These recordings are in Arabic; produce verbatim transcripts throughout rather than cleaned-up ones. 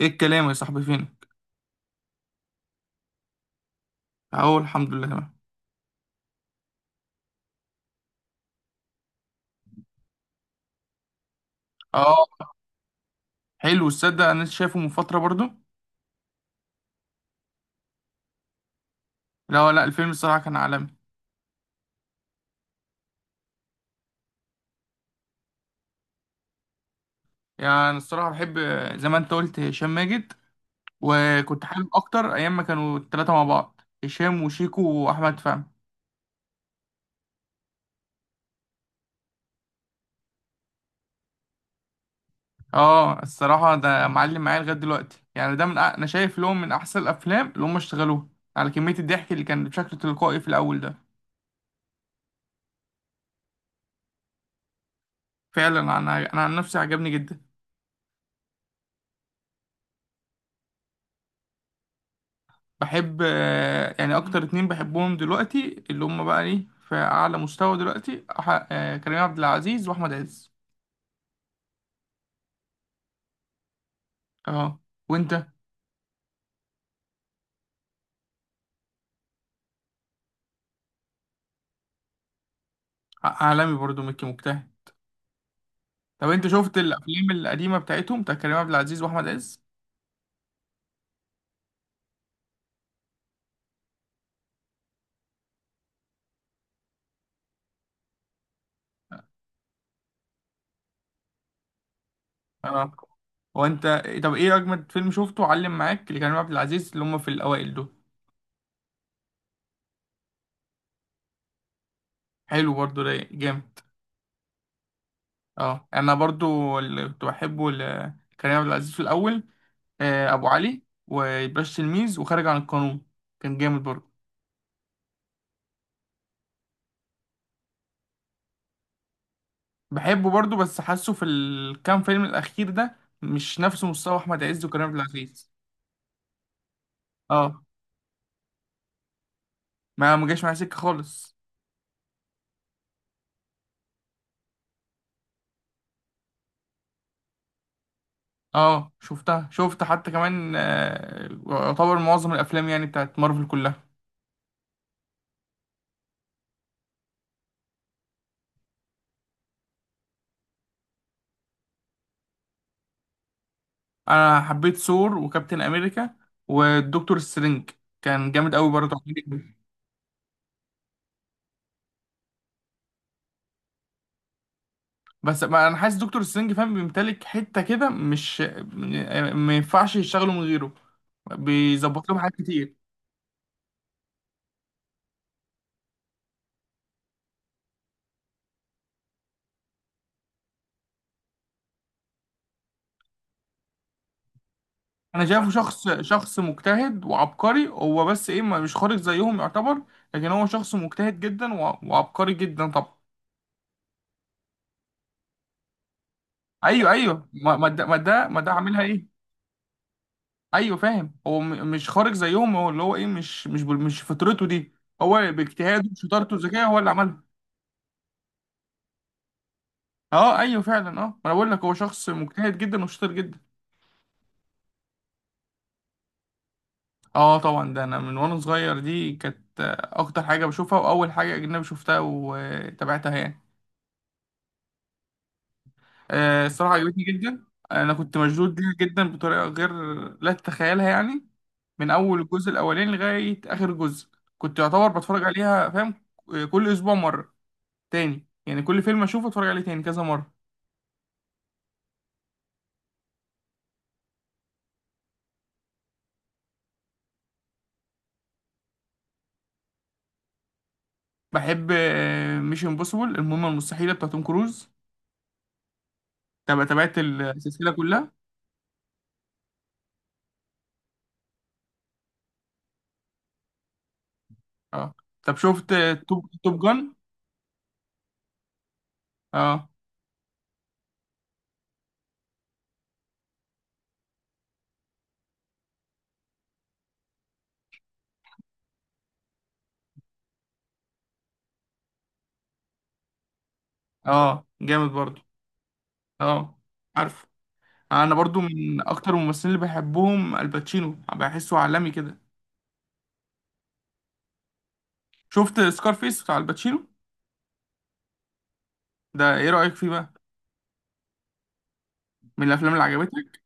ايه الكلام يا صاحبي؟ فينك؟ اهو الحمد لله تمام. اه، حلو. الصدق انا لسه شايفه من فتره برضو. لا لا، الفيلم الصراحه كان عالمي. يعني أنا الصراحه بحب زي ما انت قلت هشام ماجد، وكنت حابب اكتر ايام ما كانوا الثلاثه مع بعض: هشام وشيكو واحمد فهمي. اه الصراحه ده معلم معايا لغايه دلوقتي، يعني ده من أ- انا شايف لهم من احسن الافلام اللي هم اشتغلوها، على كميه الضحك اللي كان بشكل تلقائي في الاول ده. فعلا انا انا عن نفسي عجبني جدا. بحب آه، يعني اكتر اتنين بحبهم دلوقتي اللي هم بقى ايه في اعلى مستوى دلوقتي أح- آه، كريم عبد العزيز واحمد عز. اه. وانت؟ ع- عالمي برضو، مكي مجتهد. طب انت شفت الافلام القديمه بتاعتهم، بتاع كريم عبد العزيز واحمد عز؟ اه. وانت؟ طب ايه اجمد فيلم شفته علم معاك لكريم عبد العزيز اللي هم في الاوائل دول؟ حلو برضو، رايق جامد. اه انا برضو اللي كنت بحبه لكريم عبد العزيز في الاول آه، ابو علي وباش تلميذ وخارج عن القانون. كان جامد برضو. بحبه برضو، بس حاسه في الكام فيلم الاخير ده مش نفس مستوى احمد عز وكريم عبد العزيز. اه، ما ما جاش معايا سكه خالص. اه شفتها، شفت حتى كمان آه، يعتبر معظم الافلام يعني بتاعت مارفل كلها. انا حبيت ثور وكابتن امريكا والدكتور سترينج، كان جامد قوي برضه. بس ما انا حاسس دكتور سترينج فاهم، بيمتلك حته كده، مش ما ينفعش يشتغلوا من غيره، بيظبط لهم حاجات كتير. انا شايفه شخص، شخص مجتهد وعبقري هو، بس ايه ما- مش خارج زيهم يعتبر. لكن هو شخص مجتهد جدا وع- وعبقري جدا طبعا. ايوه ايوه، ما ما ده ما ده ما ده عاملها ايه. ايوه فاهم، هو م- مش خارج زيهم، هو اللي هو ايه مش مش بال- مش فطرته دي، هو باجتهاده وشطارته وذكائه هو اللي عملها. اه ايوه فعلا، اه ما انا بقول لك هو شخص مجتهد جدا وشاطر جدا. اه طبعا، ده انا من وانا صغير دي كانت آه، اكتر حاجه بشوفها، واول حاجه اجنبي شفتها وتابعتها يعني. آه، الصراحة عجبتني جدا. أنا كنت مشدود ليها جدا بطريقة غير لا تتخيلها يعني، من أول الجزء الأولاني لغاية آخر جزء. كنت يعتبر بتفرج عليها فاهم، آه، كل أسبوع مرة تاني، يعني كل فيلم أشوفه أتفرج عليه تاني كذا مرة. بحب مش امبوسيبل، المهمة المستحيلة بتاعت توم كروز. تابع تابعت السلسلة كلها. اه طب شفت آه، توب توب جان؟ اه. اه جامد برضو. اه عارف، انا برضو من اكتر الممثلين اللي بحبهم الباتشينو، بحسه عالمي كده. شفت سكارفيس بتاع الباتشينو؟ ده ايه رأيك فيه بقى؟ من الافلام اللي عجبتك؟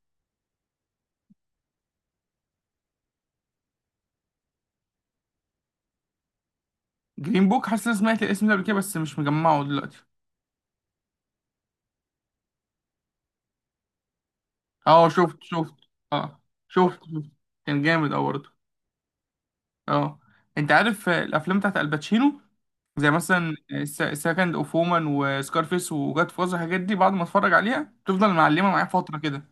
جرين بوك، حاسس اني سمعت الاسم ده قبل كده بس مش مجمعه دلوقتي. اه شفت شفت. اه شفت شفت. كان جامد اه برضه. اه انت عارف آه، الافلام بتاعت الباتشينو زي مثلا سكند اوف وومن وسكارفيس وجاد فازر، الحاجات دي بعد ما اتفرج عليها بتفضل معلمه معايا فتره كده،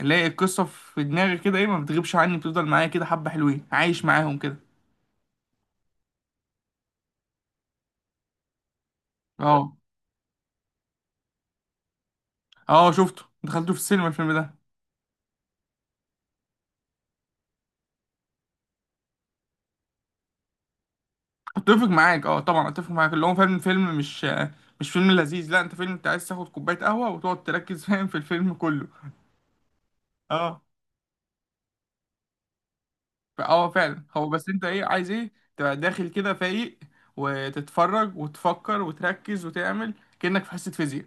اللي هي القصه في دماغي كده ايه ما بتغيبش عني، بتفضل معايا كده حبه، حلوين عايش معاهم كده. اه. اه شفته، دخلته في السينما الفيلم ده. اتفق معاك، اه طبعا اتفق معاك، اللي هو فعلا فيلم مش مش فيلم لذيذ، لا انت فيلم انت عايز تاخد كوبايه قهوه وتقعد تركز فاهم في الفيلم كله. اه ف- اه فعلا، هو بس انت ايه عايز ايه تبقى داخل كده فايق وتتفرج وتفكر وتركز وتعمل كأنك في حصه فيزياء.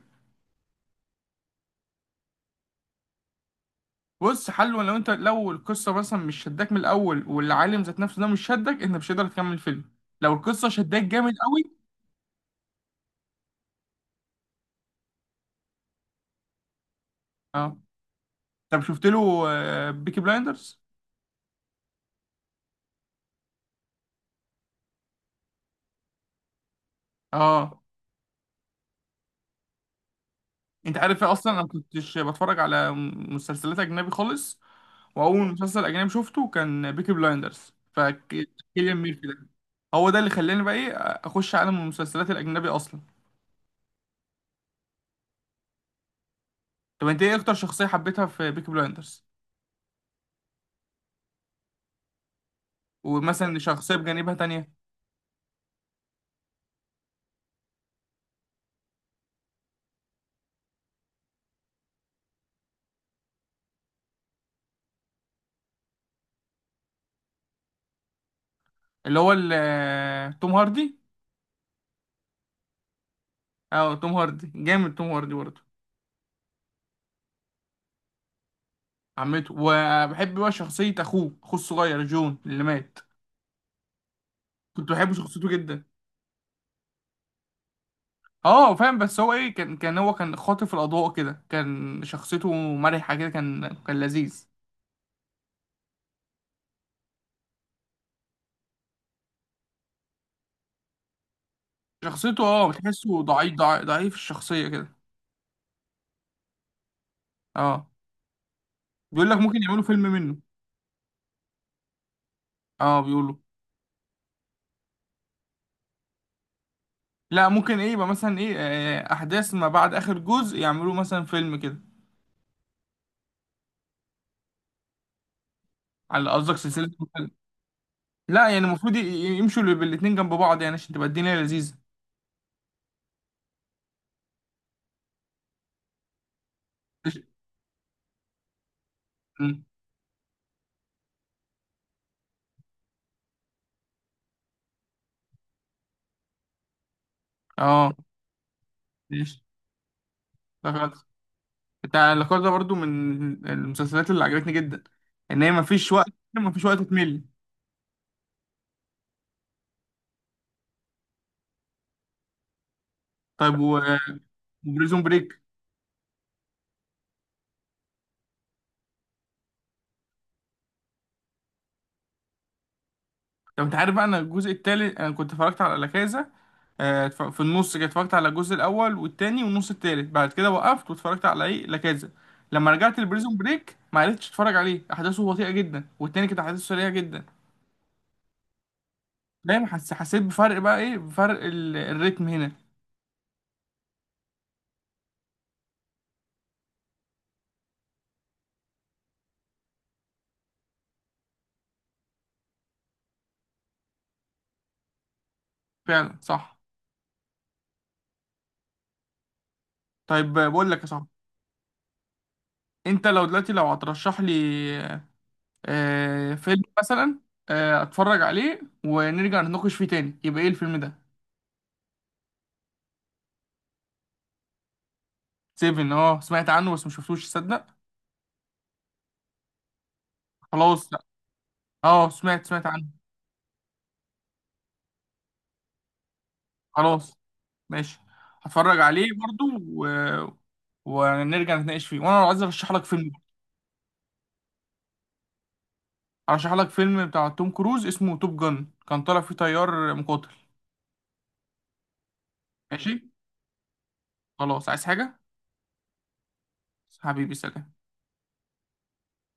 بص حلو، لو انت لو القصه مثلا مش شداك من الاول والعالم ذات نفسه ده مش شدك، انت مش هتقدر تكمل الفيلم. لو القصه شداك جامد قوي. اه طب شفت له آه، بيكي بلايندرز؟ اه انت عارف ايه، اصلا انا كنتش بتفرج على مسلسلات اجنبي خالص، واول مسلسل اجنبي شفته كان بيكي بلايندرز، فكيليان ميرفي ده هو ده اللي خلاني بقى ايه اخش عالم المسلسلات الاجنبي اصلا. طب انت ايه اكتر شخصيه حبيتها في بيكي بلايندرز؟ ومثلا شخصيه بجانبها تانية؟ اللي هو ال- توم هاردي. اه توم هاردي جامد، توم هاردي برضه. عمته. وبحب بقى شخصيه اخوه، اخوه الصغير جون اللي مات، كنت بحب شخصيته جدا. اه فاهم، بس هو ايه كان كان هو كان خاطف الاضواء كده، كان شخصيته مرحه كده، كان كان لذيذ. شخصيته اه بتحسه ضعيف، ضعيف, ضعيف الشخصيه كده. اه بيقول لك ممكن يعملوا فيلم منه. اه بيقولوا. لا ممكن ايه يبقى مثلا ايه آه، احداث ما بعد اخر جزء، يعملوا مثلا فيلم كده. على قصدك سلسله مسلسل. لا يعني المفروض ي- ي- يمشوا بال- بالاتنين جنب بعض يعني عشان تبقى الدنيا لذيذه. ماشي. م. اه ماشي. بتاع الحوار ده برضو من المسلسلات اللي عجبتني جدا، ان هي مفيش وقت، مفيش وقت تمل. طيب و- وبريزون بريك. طب انت عارف بقى، انا الجزء التالت انا كنت اتفرجت على لا كازا. آه، اتف- في النص كده اتفرجت على الجزء الاول والتاني والنص التالت، بعد كده وقفت واتفرجت على ايه لا كازا. لما رجعت لبريزون بريك ما عرفتش اتفرج عليه، احداثه بطيئه جدا والتاني كانت احداثه سريعه جدا. دايما حس حسيت بفرق، بقى ايه بفرق ال- الريتم هنا. فعلا صح. طيب آه، بقول لك يا صاحبي، انت لو دلوقتي لو هترشح لي آه، فيلم مثلا آه، اتفرج عليه ونرجع نتناقش فيه تاني، يبقى ايه الفيلم ده؟ سيفن؟ اه سمعت عنه بس ما شفتوش تصدق. خلاص لا. اه سمعت، سمعت عنه. خلاص ماشي، هتفرج عليه برضو و... ونرجع نتناقش فيه. وانا عايز ارشح لك فيلم. ارشح لك فيلم بتاع توم كروز اسمه توب جن، كان طالع فيه طيار مقاتل. ماشي. خلاص، عايز حاجة؟ حبيبي سلام.